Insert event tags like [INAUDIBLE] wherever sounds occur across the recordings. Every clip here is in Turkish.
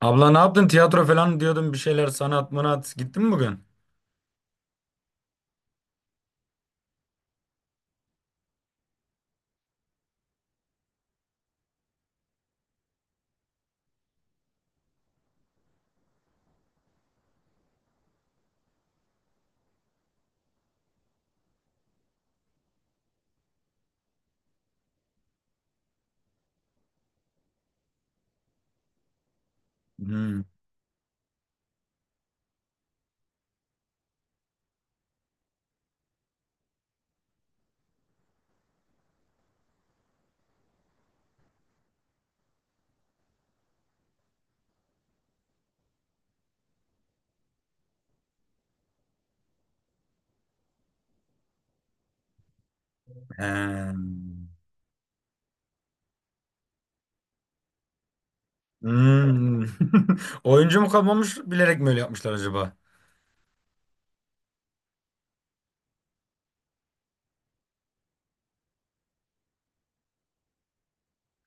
Abla ne yaptın? Tiyatro falan diyordun bir şeyler sanat mınat. Gittin mi bugün? Hmm. Ee, hmm. [LAUGHS] Oyuncu mu kalmamış bilerek mi öyle yapmışlar acaba?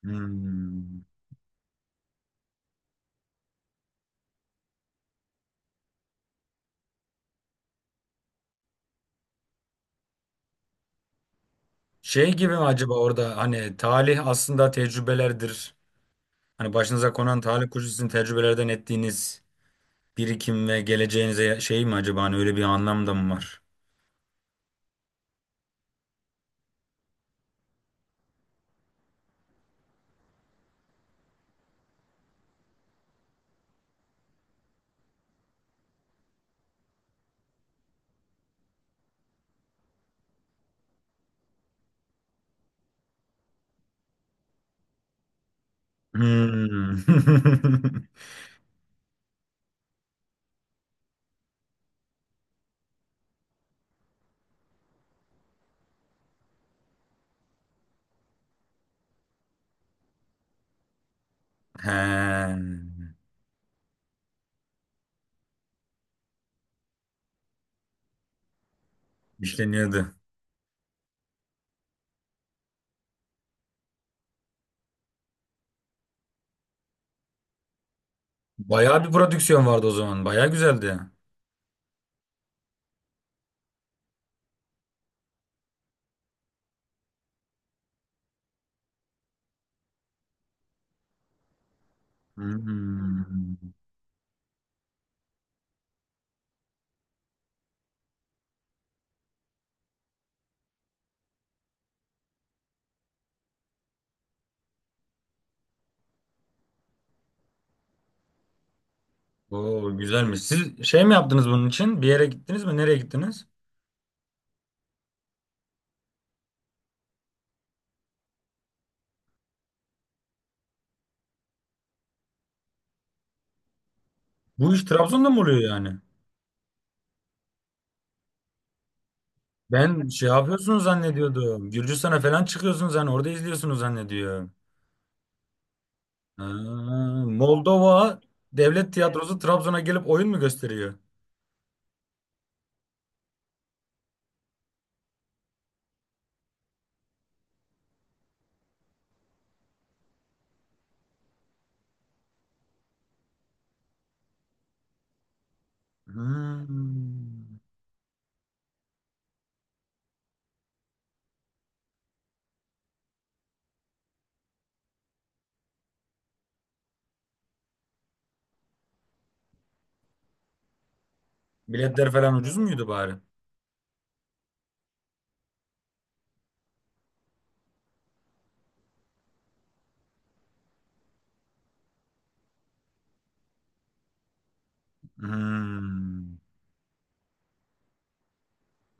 Hmm. Şey gibi mi acaba orada hani talih aslında tecrübelerdir. Hani başınıza konan talih kuşu sizin tecrübelerden ettiğiniz birikim ve geleceğinize şey mi acaba hani öyle bir anlam da mı var? Hmm. [LAUGHS] He. İşleniyordu. Bayağı bir prodüksiyon vardı o zaman. Bayağı güzeldi. Hmm. Oo, güzelmiş. Siz şey mi yaptınız bunun için? Bir yere gittiniz mi? Nereye gittiniz? Bu iş Trabzon'da mı oluyor yani? Ben şey yapıyorsunuz zannediyordum. Gürcistan'a falan çıkıyorsunuz hani orada izliyorsunuz zannediyorum. Ha, Moldova Devlet Tiyatrosu Trabzon'a gelip oyun mu gösteriyor? Hmm. Biletler falan ucuz muydu bari? Hmm.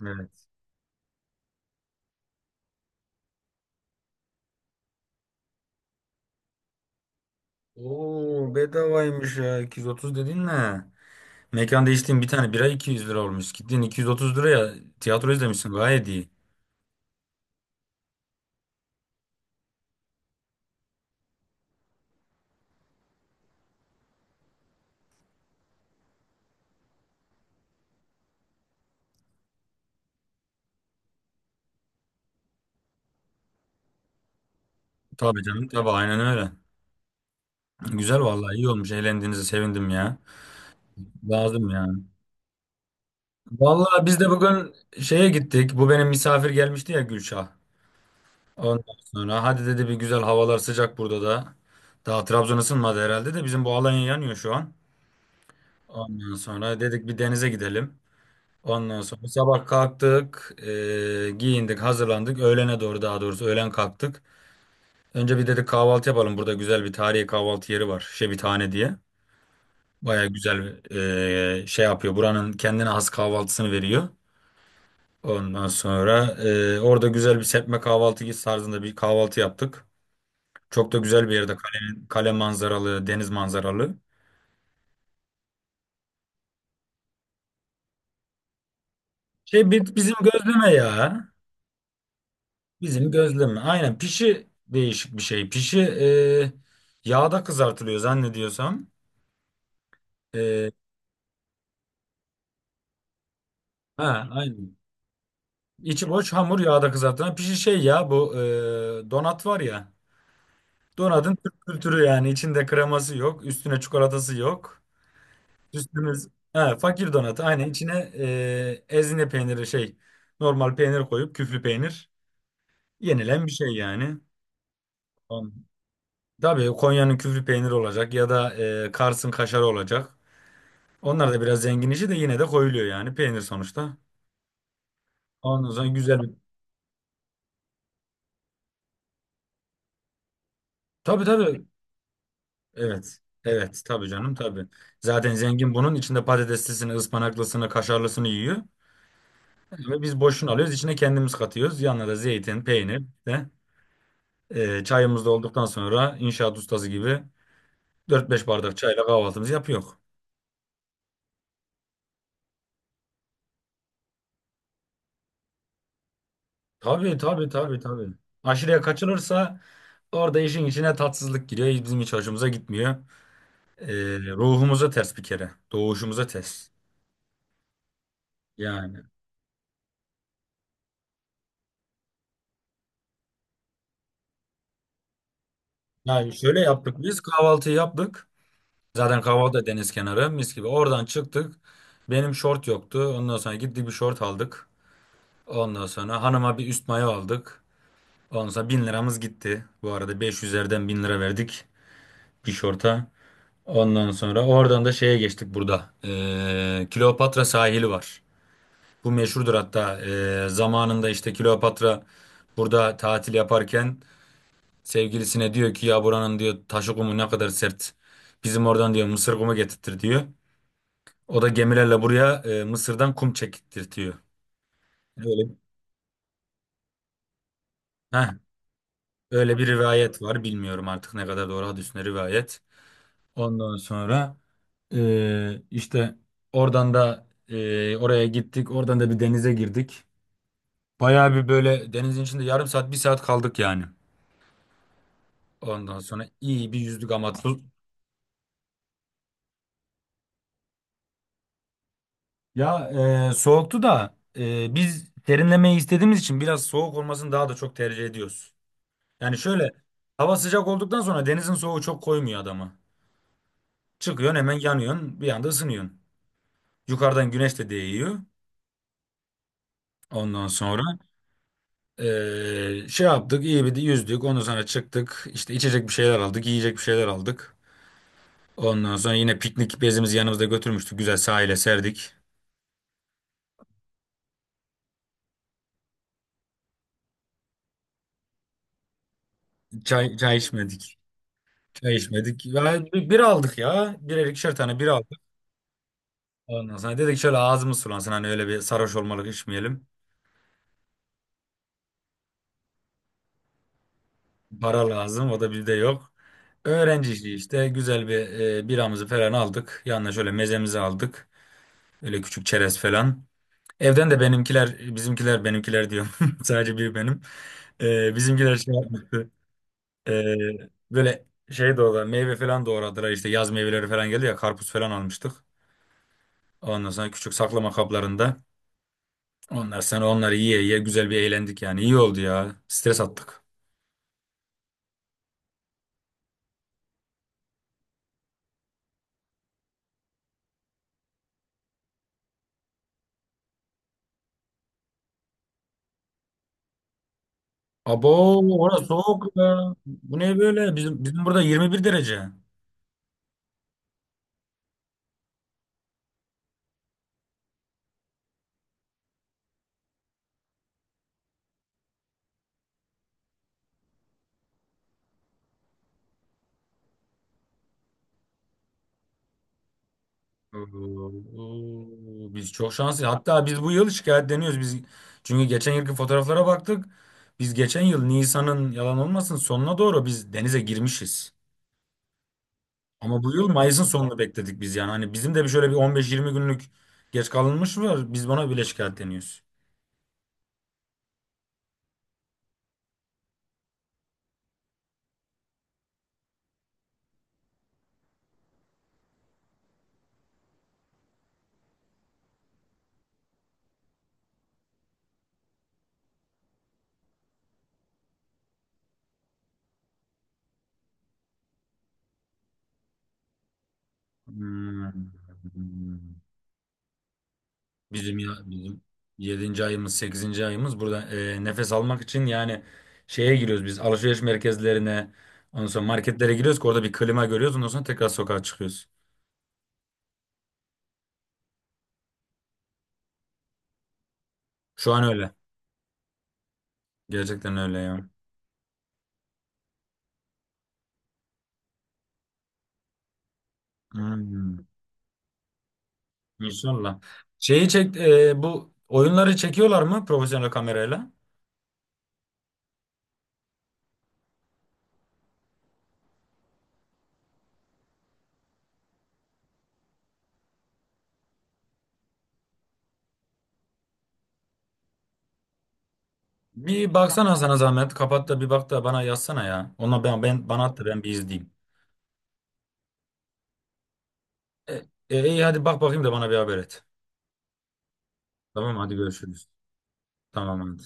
Evet. Oo, bedavaymış ya. 230 dedin ne? Mekan değiştiğin bir tane bira 200 lira olmuş. Gittin 230 liraya tiyatro izlemişsin. Gayet iyi. Tabii canım, tabii, aynen öyle. Güzel, vallahi iyi olmuş. Eğlendiğinize sevindim ya. Lazım yani. Vallahi biz de bugün şeye gittik. Bu benim misafir gelmişti ya, Gülşah. Ondan sonra hadi dedi, bir güzel havalar sıcak burada da. Daha Trabzon ısınmadı herhalde de bizim bu Alanya yanıyor şu an. Ondan sonra dedik bir denize gidelim. Ondan sonra sabah kalktık, giyindik, hazırlandık. Öğlene doğru, daha doğrusu öğlen kalktık. Önce bir dedik kahvaltı yapalım. Burada güzel bir tarihi kahvaltı yeri var, Şebitane diye. Baya güzel şey yapıyor. Buranın kendine has kahvaltısını veriyor. Ondan sonra orada güzel bir serpme kahvaltı tarzında bir kahvaltı yaptık. Çok da güzel bir yerde. Kale, kale manzaralı, deniz manzaralı. Şey, bizim gözleme ya. Bizim gözleme. Aynen, pişi, değişik bir şey. Pişi yağda kızartılıyor zannediyorsam. E, ha, aynen. İçi boş hamur yağda kızartılan pişi, şey ya, bu donat var ya. Donatın Türk kültürü yani, içinde kreması yok, üstüne çikolatası yok. Üstümüz, he, fakir donatı aynen, içine ezine peyniri, şey, normal peynir koyup küflü peynir yenilen bir şey yani. Tamam. Tabii, Konya'nın küflü peyniri olacak ya da Kars'ın kaşarı olacak. Onlar da biraz zengin işi de yine de koyuluyor yani, peynir sonuçta. Ondan sonra güzel bir... Tabii, tabii. Evet. Evet. Tabii canım, tabii. Zaten zengin bunun içinde patateslisini, ıspanaklısını, kaşarlısını yiyor. Ve biz boşunu alıyoruz. İçine kendimiz katıyoruz. Yanına da zeytin, peynir de çayımız da olduktan sonra inşaat ustası gibi dört beş bardak çayla kahvaltımızı yapıyor. Tabii, tabii, tabii, tabii. Aşırıya kaçılırsa orada işin içine tatsızlık giriyor. Bizim hiç hoşumuza gitmiyor. E, ruhumuza ters bir kere. Doğuşumuza ters. Yani. Yani şöyle yaptık, biz kahvaltıyı yaptık. Zaten kahvaltı da deniz kenarı, mis gibi. Oradan çıktık. Benim şort yoktu. Ondan sonra gittik bir şort aldık. Ondan sonra hanıma bir üst mayo aldık. Ondan sonra 1000 liramız gitti. Bu arada 500'lerden 1.000 lira verdik bir şorta. Ondan sonra oradan da şeye geçtik burada. Kleopatra sahili var. Bu meşhurdur hatta. Zamanında işte Kleopatra burada tatil yaparken sevgilisine diyor ki, ya buranın diyor taşı kumu ne kadar sert. Bizim oradan diyor Mısır kumu getirtir diyor. O da gemilerle buraya Mısır'dan kum çektirtiyor. Öyle, heh, öyle bir rivayet var. Bilmiyorum artık ne kadar doğru, hadis ne rivayet. Ondan sonra işte oradan da oraya gittik. Oradan da bir denize girdik. Bayağı bir böyle denizin içinde yarım saat, bir saat kaldık yani. Ondan sonra iyi bir yüzdük ama ya, soğuktu da biz serinlemeyi istediğimiz için biraz soğuk olmasını daha da çok tercih ediyoruz. Yani şöyle, hava sıcak olduktan sonra denizin soğuğu çok koymuyor adamı. Çıkıyorsun hemen yanıyorsun, bir anda ısınıyorsun. Yukarıdan güneş de değiyor. Ondan sonra şey yaptık, iyi bir de yüzdük. Ondan sonra çıktık, işte içecek bir şeyler aldık, yiyecek bir şeyler aldık. Ondan sonra yine piknik bezimizi yanımızda götürmüştük. Güzel sahile serdik. Çay, çay içmedik. Çay içmedik. Ya, bir aldık ya. Birer ikişer tane bir aldık. Ondan sonra dedik şöyle ağzımız sulansın. Hani öyle bir sarhoş olmalık içmeyelim. Para lazım. O da bizde yok. Öğrenci işi işte. Güzel bir biramızı falan aldık. Yanına şöyle mezemizi aldık. Öyle küçük çerez falan. Evden de benimkiler, bizimkiler, benimkiler diyorum. [LAUGHS] Sadece bir benim. Bizimkiler şey yapmıyor. Böyle şey doğradı. Meyve falan doğradılar. İşte yaz meyveleri falan geldi ya. Karpuz falan almıştık. Ondan sonra küçük saklama kaplarında. Onlar, sonra onları yiye yiye güzel bir eğlendik yani. İyi oldu ya. Stres attık. Abo, orası soğuk ya. Bu ne böyle? Bizim burada 21 derece. Oo, biz çok şanslıyız. Hatta biz bu yıl şikayetleniyoruz. Biz çünkü geçen yılki fotoğraflara baktık. Biz geçen yıl Nisan'ın, yalan olmasın, sonuna doğru biz denize girmişiz. Ama bu yıl Mayıs'ın sonunu bekledik biz yani. Hani bizim de bir şöyle bir 15-20 günlük geç kalınmış var. Biz buna bile şikayetleniyoruz. Hmm. Bizim ya, bizim yedinci ayımız, sekizinci ayımız burada nefes almak için yani şeye giriyoruz biz, alışveriş merkezlerine, ondan sonra marketlere giriyoruz ki orada bir klima görüyoruz, ondan sonra tekrar sokağa çıkıyoruz. Şu an öyle. Gerçekten öyle ya. Hmm. İnşallah. Şeyi çek, bu oyunları çekiyorlar mı profesyonel kamerayla? Bir baksana, sana zahmet, kapat da bir bak da bana yazsana ya. Ona ben bana at da ben bir izleyeyim. E, iyi, hadi bak bakayım da bana bir haber et. Tamam, hadi görüşürüz. Tamam hadi.